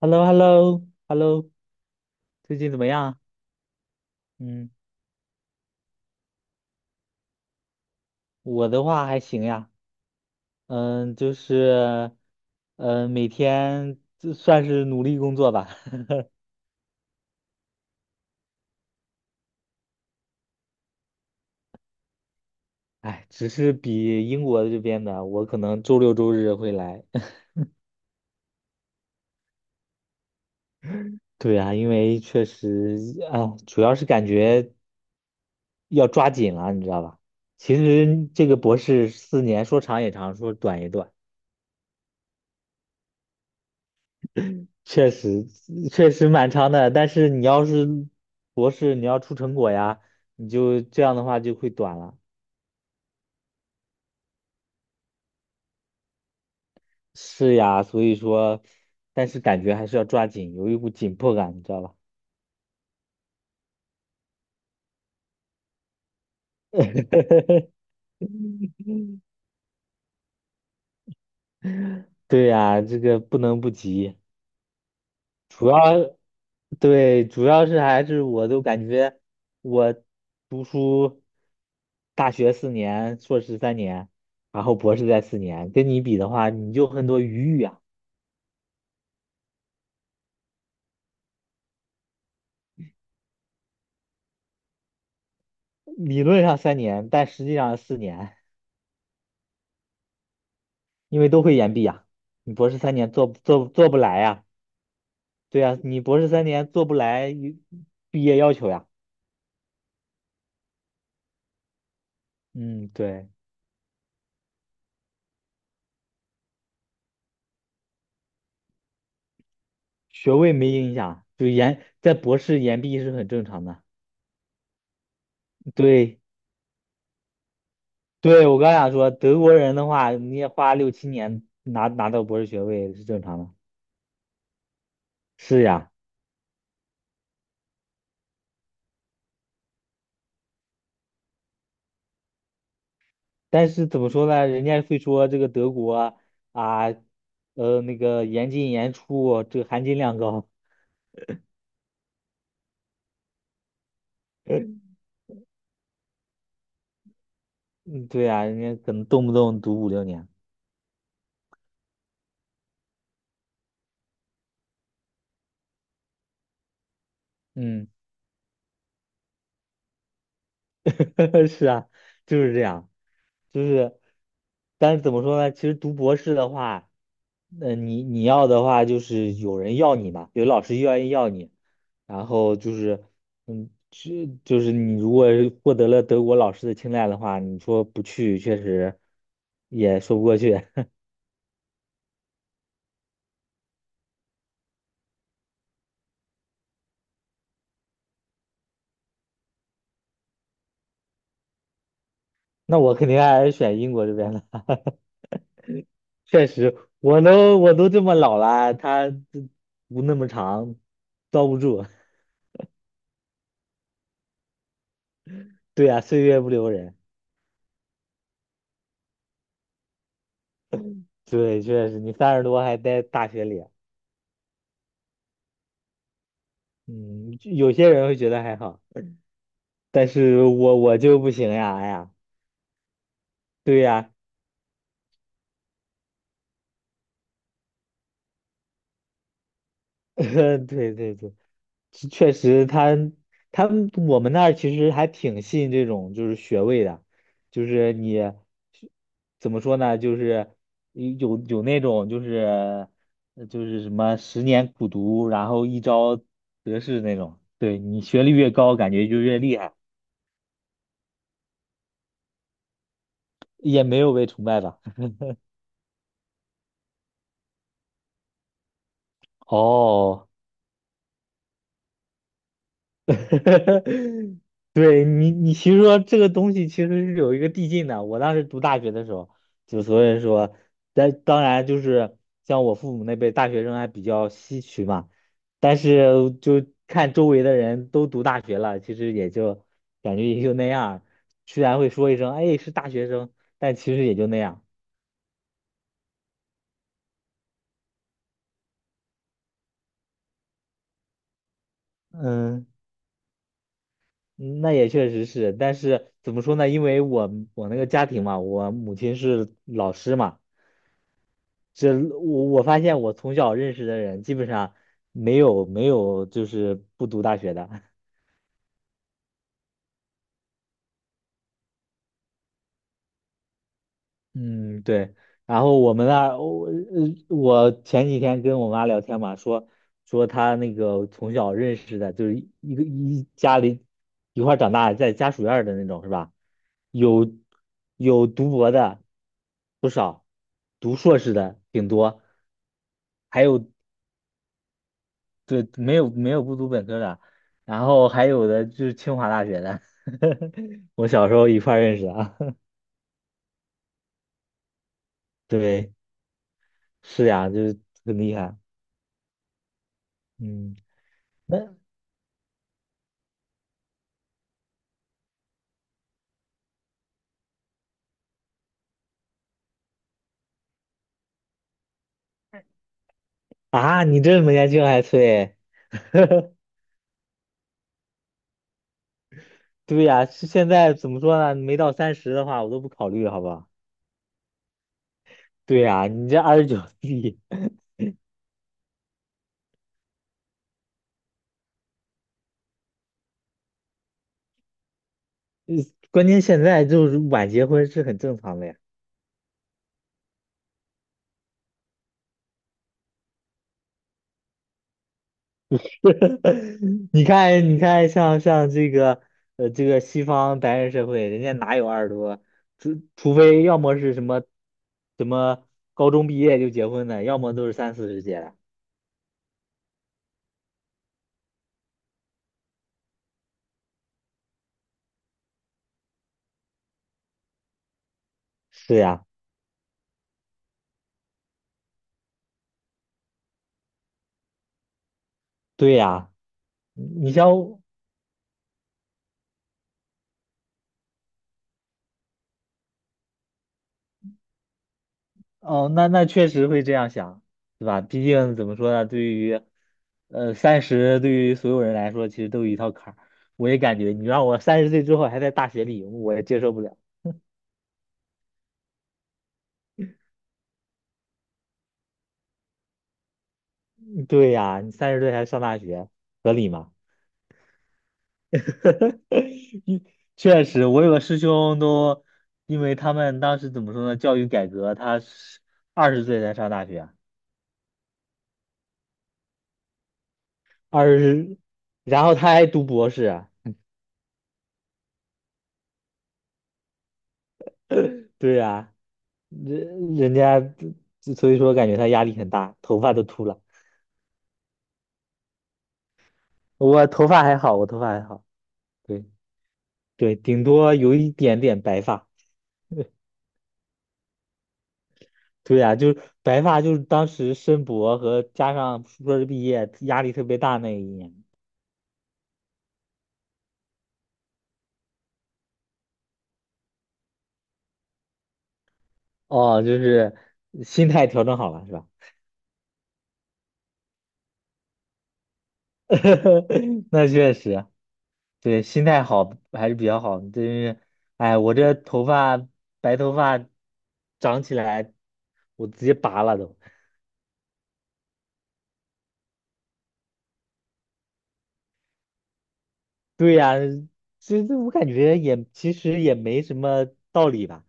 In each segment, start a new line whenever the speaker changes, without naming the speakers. h e l l o h e l l o h e l l o 最近怎么样？嗯，我的话还行呀，嗯，就是，每天就算是努力工作吧，哎，只是比英国这边的，我可能周六周日会来。对啊，因为确实啊，主要是感觉要抓紧了，你知道吧？其实这个博士四年说长也长，说短也短。确实蛮长的，但是你要是博士，你要出成果呀，你就这样的话就会短了。是呀，所以说，但是感觉还是要抓紧，有一股紧迫感，你知道吧？对呀，这个不能不急，主要对，主要是还是我都感觉我读书，大学四年，硕士三年，然后博士在四年，跟你比的话，你就很多余裕啊。理论上三年，但实际上是四年，因为都会延毕呀。你博士三年做不来呀？对呀，你博士三年做不来一毕业要求呀。嗯，对，学位没影响，就延在博士延毕是很正常的。对，对我刚想说，德国人的话，你也花6、7年拿到博士学位是正常的。是呀，但是怎么说呢？人家会说这个德国啊，那个严进严出，这个含金量高。嗯，对呀，人家可能动不动读5、6年。嗯，是啊，就是这样，就是，但是怎么说呢？其实读博士的话，那你要的话就是有人要你嘛，有老师愿意要你，然后就是，就是你如果是获得了德国老师的青睐的话，你说不去确实也说不过去。那我肯定还是选英国这边的。确实，我都这么老了，他这不那么长，遭不住。对呀，岁月不留人。对，确实，你30多还在大学里，嗯，就有些人会觉得还好，但是我就不行呀，哎呀，对呀，对对对，其确实他，他们我们那儿其实还挺信这种就是学位的，就是你怎么说呢，就是有那种就是什么十年苦读，然后一朝得势那种。对你学历越高，感觉就越厉害，也没有被崇拜吧。哦，对你其实说这个东西其实是有一个递进的。我当时读大学的时候，就所以说，但当然就是像我父母那辈大学生还比较稀缺嘛，但是就看周围的人都读大学了，其实也就感觉也就那样儿。虽然会说一声"哎，是大学生"，但其实也就那样。嗯，那也确实是，但是怎么说呢？因为我那个家庭嘛，我母亲是老师嘛。这我发现我从小认识的人基本上没有就是不读大学的，嗯对。然后我们那儿我前几天跟我妈聊天嘛，说她那个从小认识的，就是一家里一块儿长大，在家属院儿的那种是吧？有有读博的不少，读硕士的挺多，对，没有不读本科的，然后还有的就是清华大学的，我小时候一块儿认识的啊。对，是呀，就是很厉害。嗯，那啊，你这么年轻还催？对呀，是现在怎么说呢？没到三十的话，我都不考虑，好吧？对呀，你这29 岁，关键现在就是晚结婚是很正常的呀。你看，你看，像这个，这个西方白人社会，人家哪有20多？除非要么是什么，什么高中毕业就结婚的，要么都是三四十结的。是呀，对呀，你像我哦，那确实会这样想，对吧？毕竟怎么说呢，对于，三十对于所有人来说，其实都有一套坎儿。我也感觉，你让我三十岁之后还在大学里，我也接受不了。对呀，你三十岁还上大学，合理吗？确实，我有个师兄都，因为他们当时怎么说呢，教育改革，他是20岁才上大学，二十，然后他还读博士啊，对呀、人家所以说感觉他压力很大，头发都秃了。我头发还好，我头发还好，对对，顶多有一点点白发。对呀、就是白发，就是当时申博和加上硕士毕业压力特别大那一年。哦，就是心态调整好了是吧？那确实，对，心态好还是比较好。就是，哎，我这头发白头发长起来，我直接拔了都。对呀，其实我感觉也其实也没什么道理吧。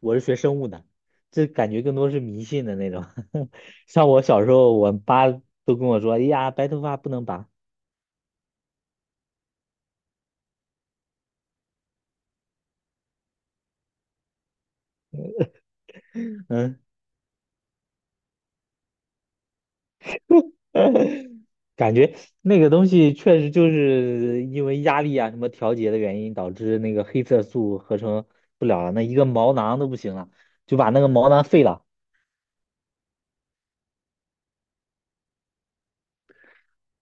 我是学生物的，这感觉更多是迷信的那种。像我小时候，我爸都跟我说："哎呀，白头发不能拔。"嗯。感觉那个东西确实就是因为压力啊什么调节的原因，导致那个黑色素合成不了了，那一个毛囊都不行了，就把那个毛囊废了，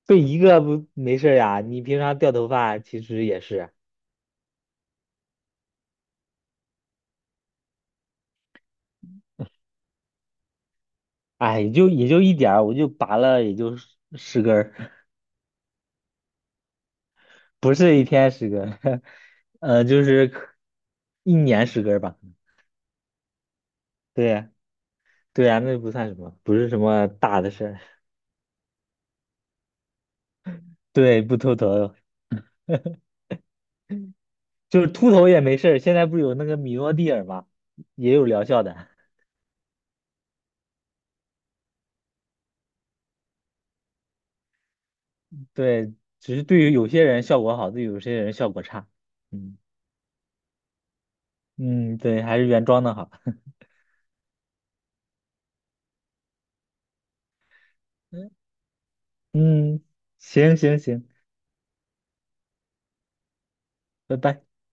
废一个不没事儿呀。你平常掉头发其实也是，哎，也就一点儿，我就拔了也就十根儿 不是一天10根儿，就是一年十根儿吧。对呀，对呀，那不算什么，不是什么大的事儿。对，不秃头。就是秃头也没事儿，现在不是有那个米诺地尔吗？也有疗效的，对，只是对于有些人效果好，对于有些人效果差。嗯嗯，对，还是原装的好。嗯，行行行，拜拜。